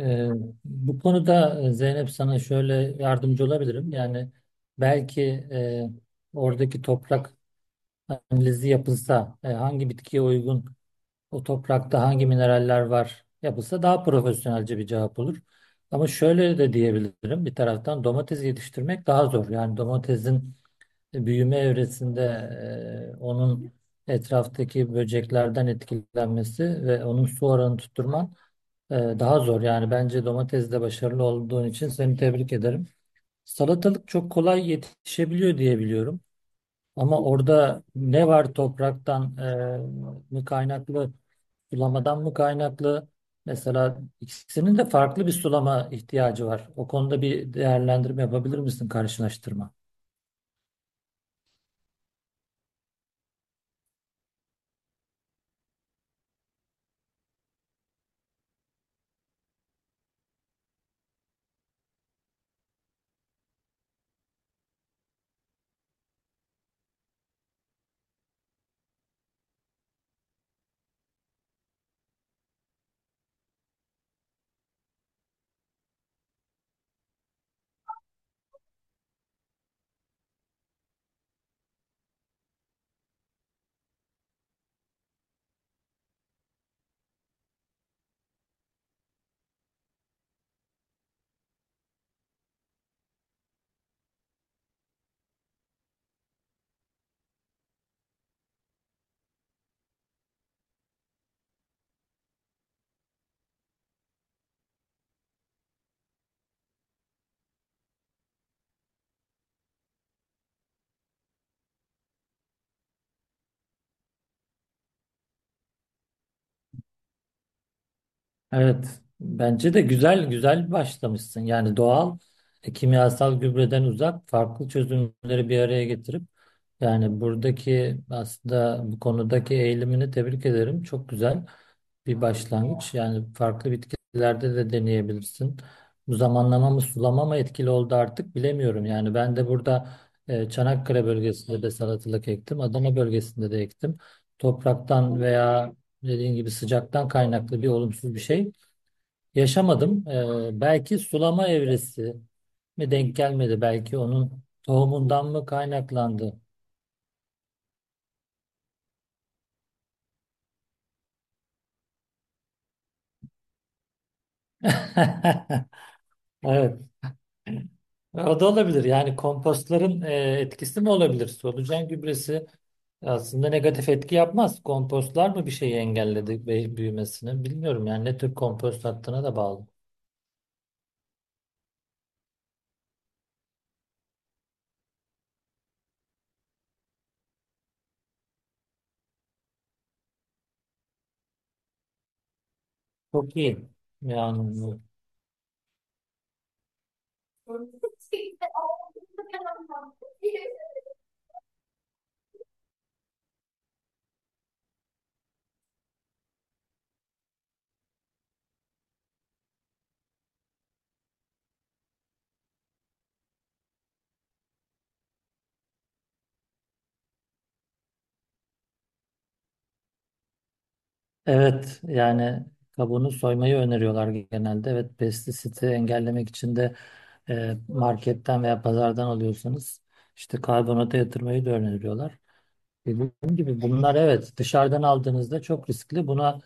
Ee, Bu konuda Zeynep sana şöyle yardımcı olabilirim. Yani belki e, oradaki toprak analizi yapılsa, hangi bitkiye uygun, o toprakta hangi mineraller var yapılsa daha profesyonelce bir cevap olur. Ama şöyle de diyebilirim bir taraftan domates yetiştirmek daha zor. Yani domatesin büyüme evresinde onun etraftaki böceklerden etkilenmesi ve onun su oranı tutturman daha zor yani bence domatesde başarılı olduğun için seni tebrik ederim. Salatalık çok kolay yetişebiliyor diye biliyorum. Ama orada ne var topraktan mı kaynaklı, sulamadan mı kaynaklı? Mesela ikisinin de farklı bir sulama ihtiyacı var. O konuda bir değerlendirme yapabilir misin, karşılaştırma? Evet, bence de güzel güzel başlamışsın. Yani doğal kimyasal gübreden uzak farklı çözümleri bir araya getirip yani buradaki aslında bu konudaki eğilimini tebrik ederim. Çok güzel bir başlangıç. Yani farklı bitkilerde de deneyebilirsin. Bu zamanlama mı sulama mı etkili oldu artık bilemiyorum. Yani ben de burada Çanakkale bölgesinde de salatalık ektim. Adana bölgesinde de ektim. Topraktan veya dediğin gibi sıcaktan kaynaklı bir olumsuz bir şey yaşamadım. Belki sulama evresi mi denk gelmedi? Belki onun tohumundan mı kaynaklandı? Evet. O da olabilir. Yani kompostların etkisi mi olabilir? Solucan gübresi aslında negatif etki yapmaz. Kompostlar mı bir şeyi engelledi büyümesini? Bilmiyorum yani ne tür kompost attığına da bağlı. Çok iyi. Yani evet yani kabuğunu soymayı öneriyorlar genelde. Evet pestisiti engellemek için de marketten veya pazardan alıyorsanız işte karbonata yatırmayı da öneriyorlar. E, dediğim gibi bunlar evet dışarıdan aldığınızda çok riskli. Buna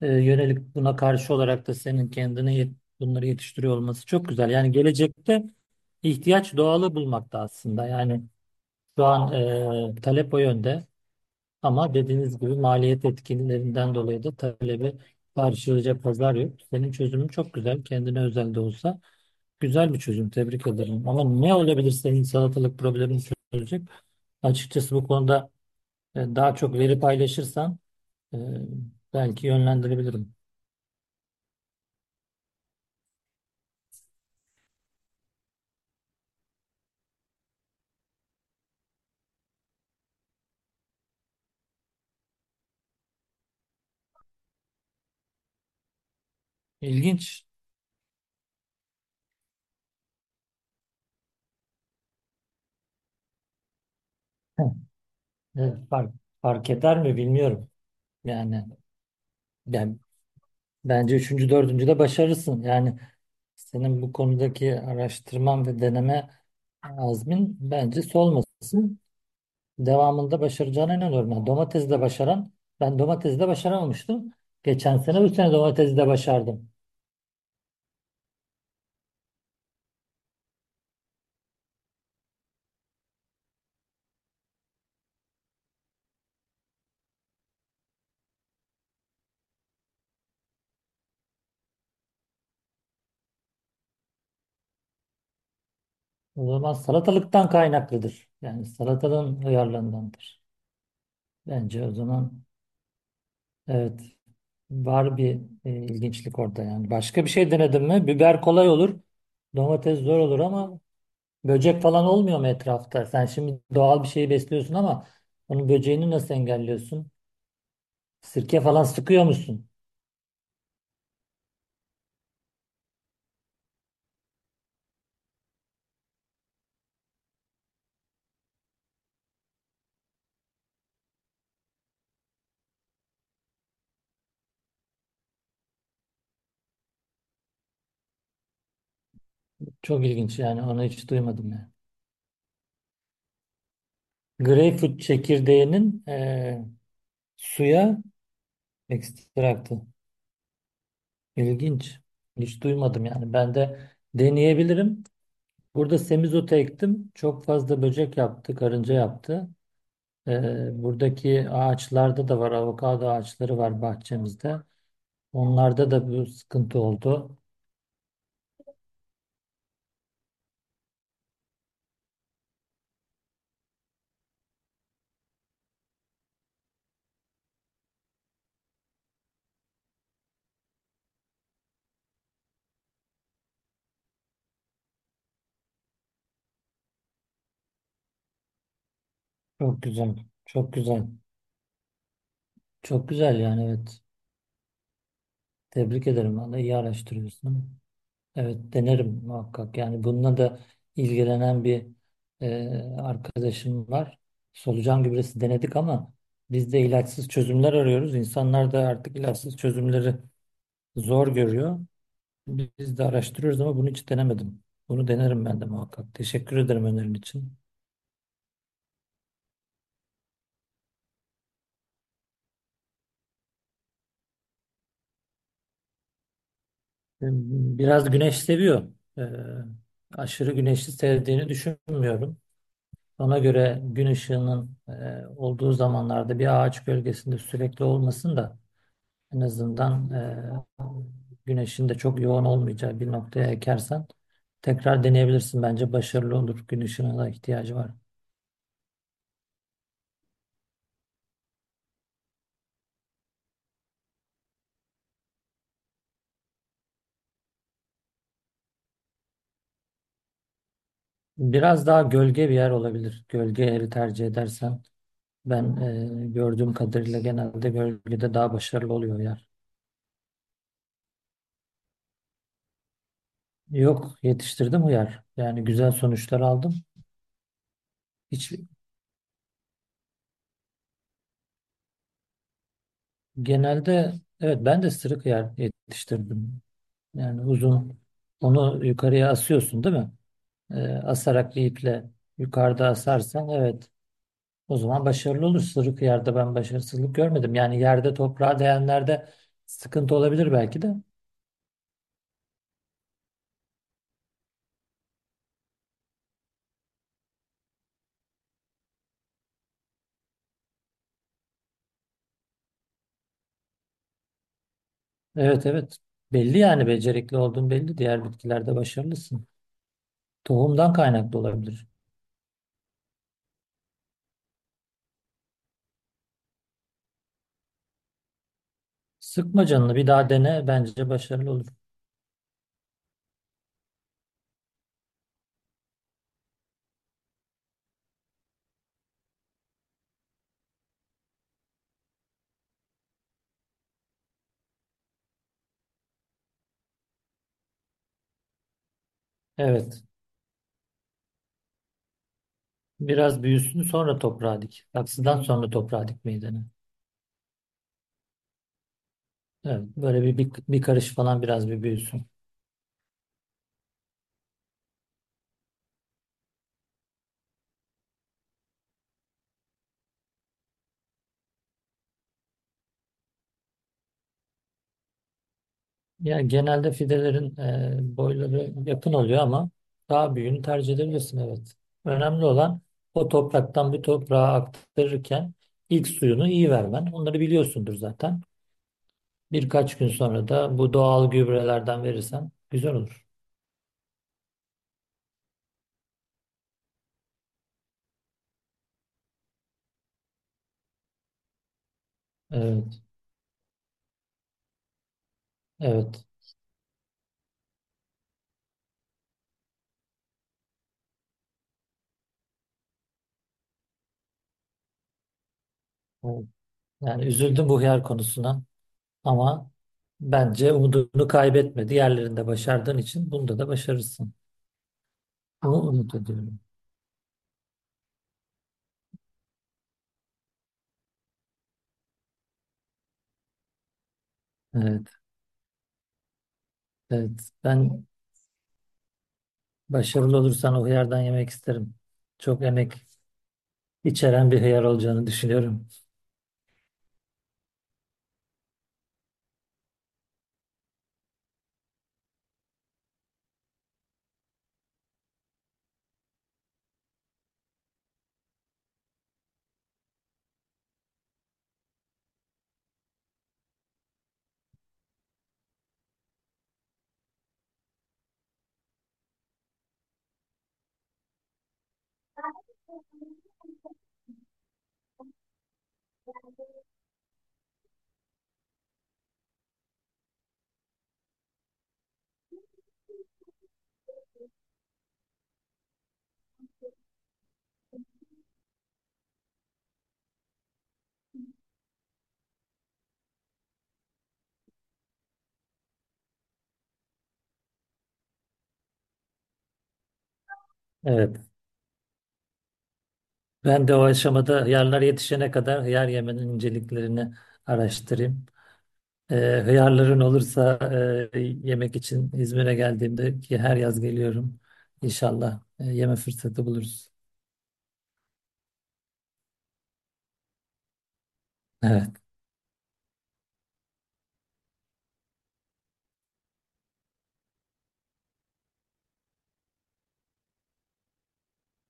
yönelik buna karşı olarak da senin kendini bunları yetiştiriyor olması çok güzel. Yani gelecekte ihtiyaç doğalı bulmakta aslında. Yani şu an talep o yönde. Ama dediğiniz gibi maliyet etkinlerinden dolayı da talebi karşılayacak pazar yok. Senin çözümün çok güzel. Kendine özel de olsa güzel bir çözüm. Tebrik ederim. Ama ne olabilir senin salatalık problemini çözecek? Açıkçası bu konuda daha çok veri paylaşırsan e, belki yönlendirebilirim. İlginç. Heh, evet, fark eder mi bilmiyorum. Yani ben bence üçüncü, dördüncü de başarırsın. Yani senin bu konudaki araştırman ve deneme azmin bence solmasın. Devamında başaracağına inanıyorum. Yani domatesi de başaran, ben domatesi de başaramamıştım. Geçen sene bu sene domatesi de başardım. O zaman salatalıktan kaynaklıdır. Yani salatalığın uyarlandığındır. Bence o zaman evet var bir ilginçlik orada yani. Başka bir şey denedin mi? Biber kolay olur. Domates zor olur ama böcek falan olmuyor mu etrafta? Sen şimdi doğal bir şeyi besliyorsun ama onun böceğini nasıl engelliyorsun? Sirke falan sıkıyor musun? Çok ilginç yani onu hiç duymadım ya. Greyfurt çekirdeğinin suya ekstraktı. İlginç. Hiç duymadım yani. Ben de deneyebilirim. Burada semizotu ektim. Çok fazla böcek yaptı, karınca yaptı. E, buradaki ağaçlarda da var. Avokado ağaçları var bahçemizde. Onlarda da bu sıkıntı oldu. Çok güzel. Çok güzel. Çok güzel yani evet. Tebrik ederim. Vallahi iyi araştırıyorsun. Evet denerim muhakkak. Yani bununla da ilgilenen bir e, arkadaşım var. Solucan gübresi denedik ama biz de ilaçsız çözümler arıyoruz. İnsanlar da artık ilaçsız çözümleri zor görüyor. Biz de araştırıyoruz ama bunu hiç denemedim. Bunu denerim ben de muhakkak. Teşekkür ederim önerin için. E, Biraz güneş seviyor. E, Aşırı güneşi sevdiğini düşünmüyorum. Ona göre gün ışığının olduğu zamanlarda bir ağaç gölgesinde sürekli olmasın da en azından güneşin de çok yoğun olmayacağı bir noktaya ekersen tekrar deneyebilirsin. Bence başarılı olur. Gün ışığına da ihtiyacı var. Biraz daha gölge bir yer olabilir. Gölge yeri tercih edersen ben gördüğüm kadarıyla genelde gölgede daha başarılı oluyor yer. Yok yetiştirdim uyar. Yani güzel sonuçlar aldım. Hiç genelde evet ben de sırık yer yetiştirdim. Yani uzun onu yukarıya asıyorsun değil mi? Asarak bir iple yukarıda asarsan evet o zaman başarılı olur. Sırık yerde ben başarısızlık görmedim. Yani yerde toprağa değenlerde sıkıntı olabilir belki de. Evet, evet, belli yani becerikli olduğun belli. Diğer bitkilerde başarılısın. Tohumdan kaynaklı olabilir. Sıkma canını bir daha dene bence başarılı olur. Evet biraz büyüsün sonra toprağa dik. Saksıdan sonra toprağa dikmeyi dene. Evet böyle bir karış falan biraz bir büyüsün. Ya genelde fidelerin boyları yakın oluyor ama daha büyüğünü tercih edebilirsin evet. Önemli olan o topraktan bir toprağa aktarırken ilk suyunu iyi vermen. Onları biliyorsundur zaten. Birkaç gün sonra da bu doğal gübrelerden verirsen güzel olur. Evet, evet. Evet. Yani üzüldüm bu hıyar konusuna ama bence umudunu kaybetme. Diğerlerinde başardığın için bunda da başarırsın. Bunu umut ediyorum. Evet, evet. Ben başarılı olursan o hıyardan yemek isterim. Çok emek içeren bir hıyar olacağını düşünüyorum. Evet. Ben de o aşamada hıyarlar yetişene kadar hıyar yemenin inceliklerini araştırayım. Ee, Hıyarların olursa yemek için İzmir'e geldiğimde ki her yaz geliyorum. İnşallah yeme fırsatı buluruz. Evet.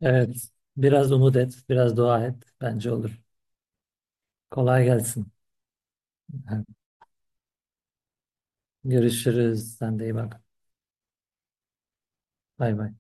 Evet. Biraz umut et, biraz dua et. Bence olur. Kolay gelsin. Evet. Görüşürüz. Sen de iyi bak. Bay bay.